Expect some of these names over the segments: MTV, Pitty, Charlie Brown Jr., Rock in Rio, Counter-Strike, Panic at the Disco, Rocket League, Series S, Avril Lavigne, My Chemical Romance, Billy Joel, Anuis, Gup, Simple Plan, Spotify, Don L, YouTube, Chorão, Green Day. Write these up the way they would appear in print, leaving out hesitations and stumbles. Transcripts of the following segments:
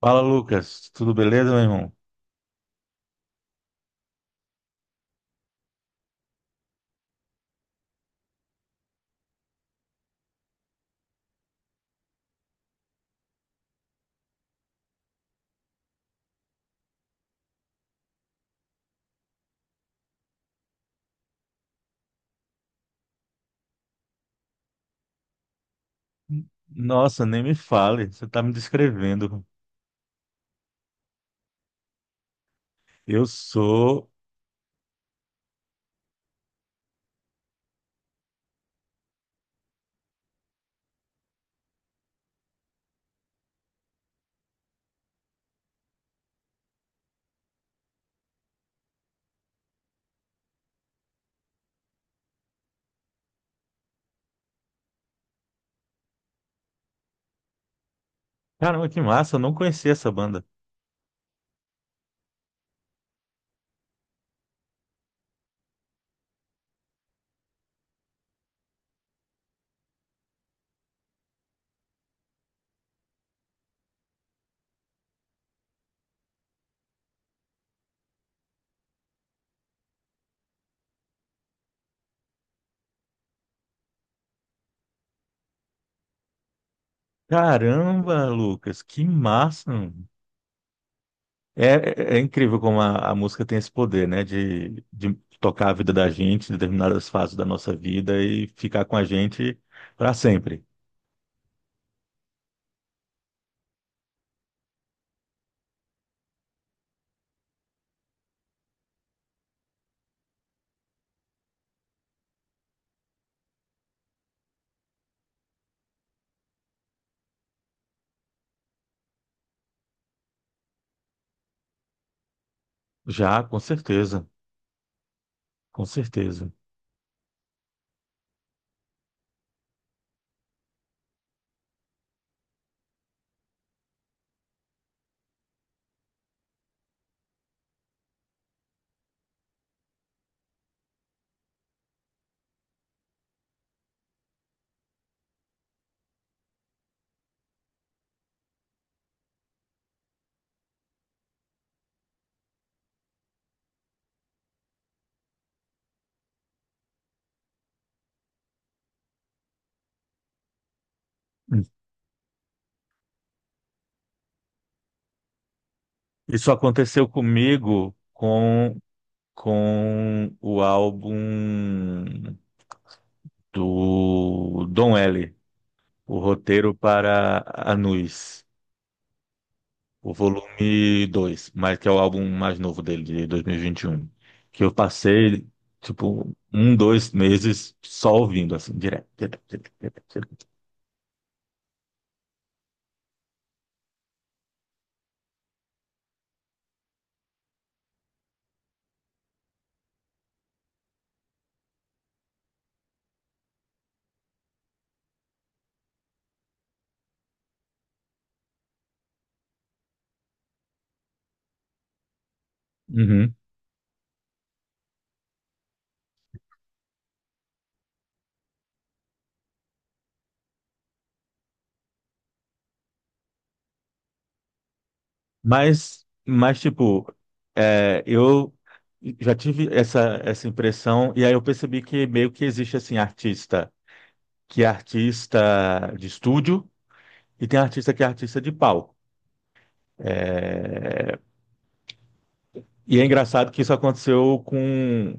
Fala, Lucas. Tudo beleza, meu irmão? Nossa, nem me fale. Você tá me descrevendo. Eu sou. Caramba, que massa. Eu não conhecia essa banda. Caramba, Lucas. Que massa, mano. É, é incrível como a música tem esse poder, né? De tocar a vida da gente em determinadas fases da nossa vida e ficar com a gente para sempre. Já, com certeza. Com certeza. Isso aconteceu comigo com o álbum do Don L, o roteiro para Anuis, o volume 2, mas que é o álbum mais novo dele, de dois mil e vinte e um, que eu passei, tipo, um, dois meses só ouvindo, assim, direto, direto, direto, direto, direto. Uhum. Mas, tipo, eu já tive essa, essa impressão, e aí eu percebi que meio que existe, assim, artista, que é artista de estúdio. E tem artista que é artista de palco. E é engraçado que isso aconteceu com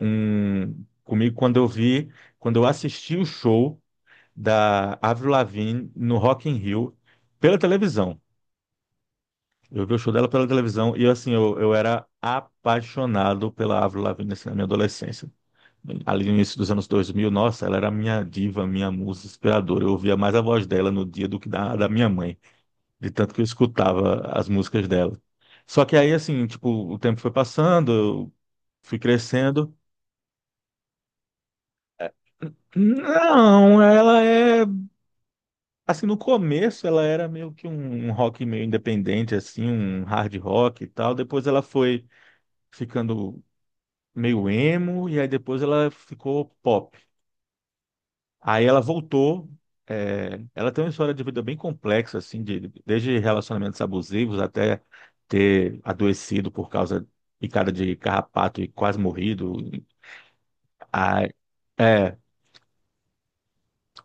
comigo quando eu vi, quando eu assisti o show da Avril Lavigne no Rock in Rio pela televisão. Eu vi o show dela pela televisão e assim, eu era apaixonado pela Avril Lavigne assim, na minha adolescência. Ali no início dos anos dois mil, nossa, ela era minha diva, minha musa inspiradora. Eu ouvia mais a voz dela no dia do que da minha mãe, de tanto que eu escutava as músicas dela. Só que aí, assim, tipo, o tempo foi passando, eu fui crescendo. Não, ela é. Assim, no começo ela era meio que um rock meio independente, assim, um hard rock e tal. Depois ela foi ficando meio emo, e aí depois ela ficou pop. Aí ela voltou. É, ela tem uma história de vida bem complexa, assim, desde relacionamentos abusivos até ter adoecido por causa de picada de carrapato e quase morrido. A- É,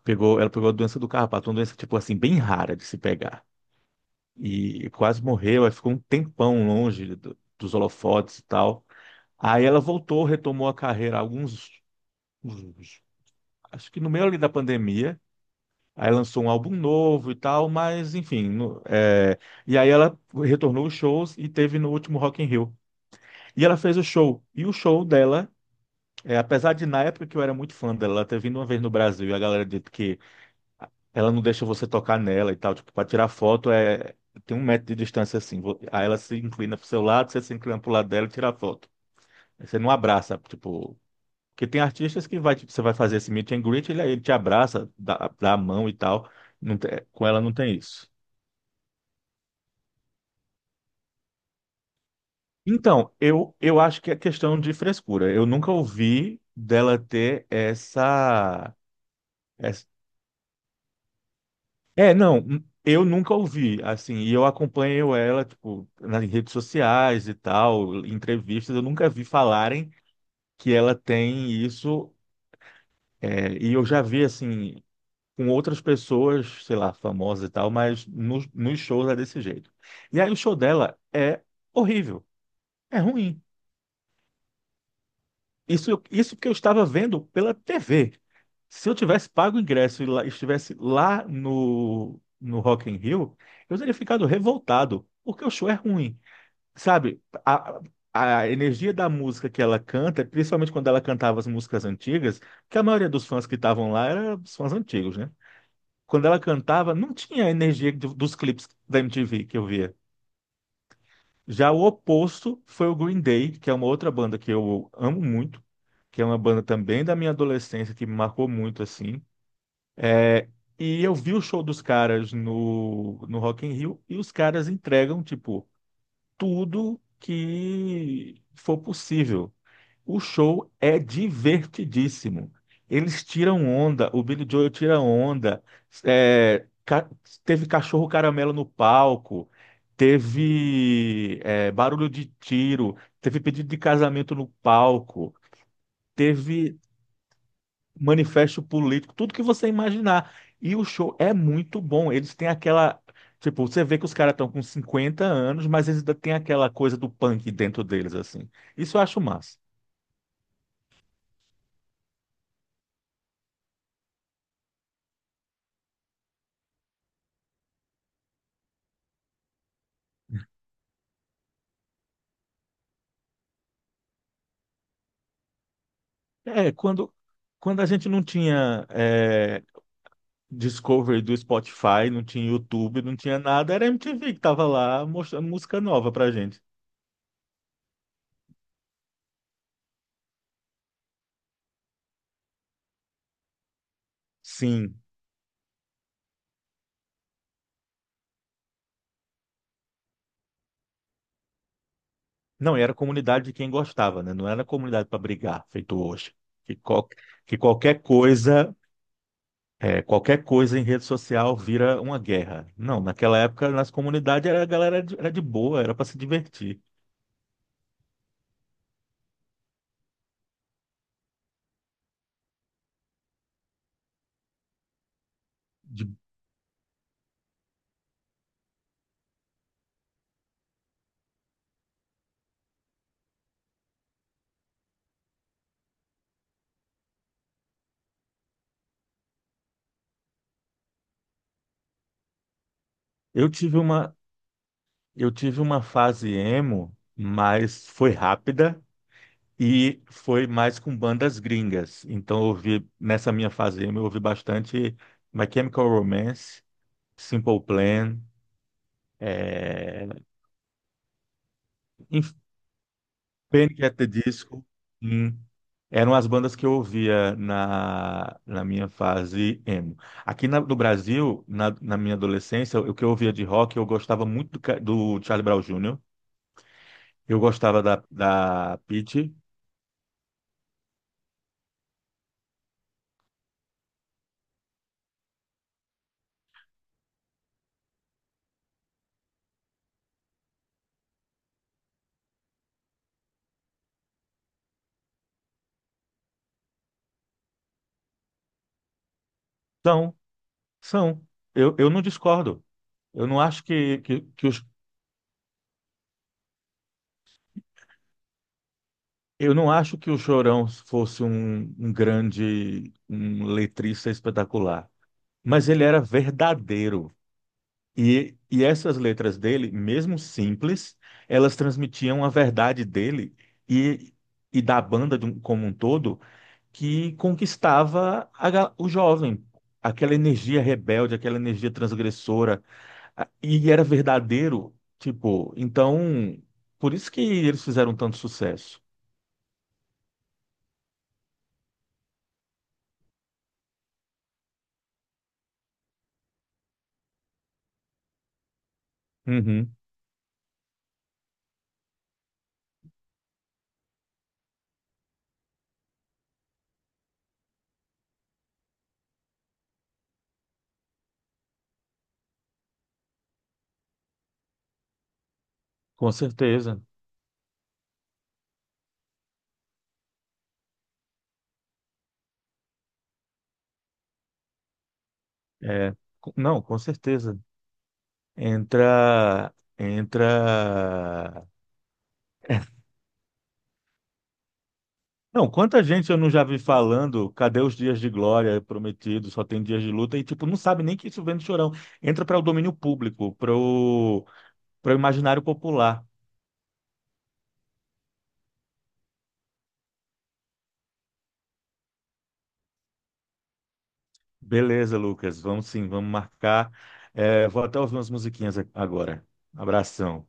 ela pegou a doença do carrapato, uma doença, tipo assim, bem rara de se pegar. E quase morreu, aí ficou um tempão longe dos holofotes e tal. Aí ela voltou, retomou a carreira uns- acho que no meio ali da pandemia. Aí lançou um álbum novo e tal, mas enfim. E aí ela retornou os shows e teve no último Rock in Rio. E ela fez o show. E o show dela, apesar de na época que eu era muito fã dela, ela ter vindo uma vez no Brasil e a galera disse que ela não deixa você tocar nela e tal, tipo, pra tirar foto, tem um metro de distância assim. Aí ela se inclina pro seu lado, você se inclina pro lado dela e tira a foto. Aí você não abraça, tipo. Porque tem artistas que vai, tipo, você vai fazer esse meet and greet, ele te abraça, dá a mão e tal. Com ela não tem isso. Então, eu acho que é questão de frescura. Eu nunca ouvi dela ter essa- É, não, eu nunca ouvi, assim, e eu acompanho ela, tipo, nas redes sociais e tal, em entrevistas, eu nunca vi falarem que ela tem isso, e eu já vi, assim, com outras pessoas, sei lá, famosas e tal, mas nos shows é desse jeito. E aí o show dela é horrível, é ruim. Isso que eu estava vendo pela TV. Se eu tivesse pago o ingresso e estivesse lá no Rock in Rio, eu teria ficado revoltado, porque o show é ruim. Sabe, a, a energia da música que ela canta, principalmente quando ela cantava as músicas antigas, que a maioria dos fãs que estavam lá eram os fãs antigos, né? Quando ela cantava, não tinha a energia dos clipes da MTV que eu via. Já o oposto foi o Green Day, que é uma outra banda que eu amo muito, que é uma banda também da minha adolescência, que me marcou muito, assim. E eu vi o show dos caras no Rock in Rio e os caras entregam, tipo, tudo que for possível. O show é divertidíssimo. Eles tiram onda, o Billy Joel tira onda. É, ca- Teve cachorro caramelo no palco, teve, barulho de tiro, teve pedido de casamento no palco, teve manifesto político, tudo que você imaginar. E o show é muito bom. Eles têm aquela... Tipo, você vê que os caras estão com 50 anos, mas eles ainda têm aquela coisa do punk dentro deles, assim. Isso eu acho massa. É, quando a gente não tinha Discovery do Spotify, não tinha YouTube, não tinha nada, era a MTV que tava lá mostrando música nova pra gente. Sim. Não, e era a comunidade de quem gostava, né? Não era a comunidade para brigar, feito hoje. Que, qual, que qualquer coisa... É, qualquer coisa em rede social vira uma guerra. Não, naquela época nas comunidades era, a galera era de boa, era para se divertir. De- eu tive uma, eu tive uma fase emo, mas foi rápida e foi mais com bandas gringas. Então eu ouvi, nessa minha fase emo, eu ouvi bastante My Chemical Romance, Simple Plan, é, Panic at the Disco. Sim. Eram as bandas que eu ouvia na minha fase emo. No Brasil, na minha adolescência, o que eu ouvia de rock, eu gostava muito do, do Charlie Brown Júnior, eu gostava da Pitty. São, são. Eu não discordo. Eu não acho eu não acho que o Chorão fosse um grande letrista espetacular. Mas ele era verdadeiro. E essas letras dele, mesmo simples, elas transmitiam a verdade dele e, e da banda como um todo, que conquistava a o jovem. Aquela energia rebelde, aquela energia transgressora, e era verdadeiro, tipo, então, por isso que eles fizeram tanto sucesso. Uhum, com certeza. É, não, com certeza. Entra, entra, não, quanta gente eu não já vi falando, cadê os dias de glória prometidos, só tem dias de luta, e tipo, não sabe nem que isso vem do Chorão. Entra para o domínio público, para o para o imaginário popular. Beleza, Lucas, vamos sim, vamos marcar. É, vou até ouvir umas musiquinhas agora. Abração.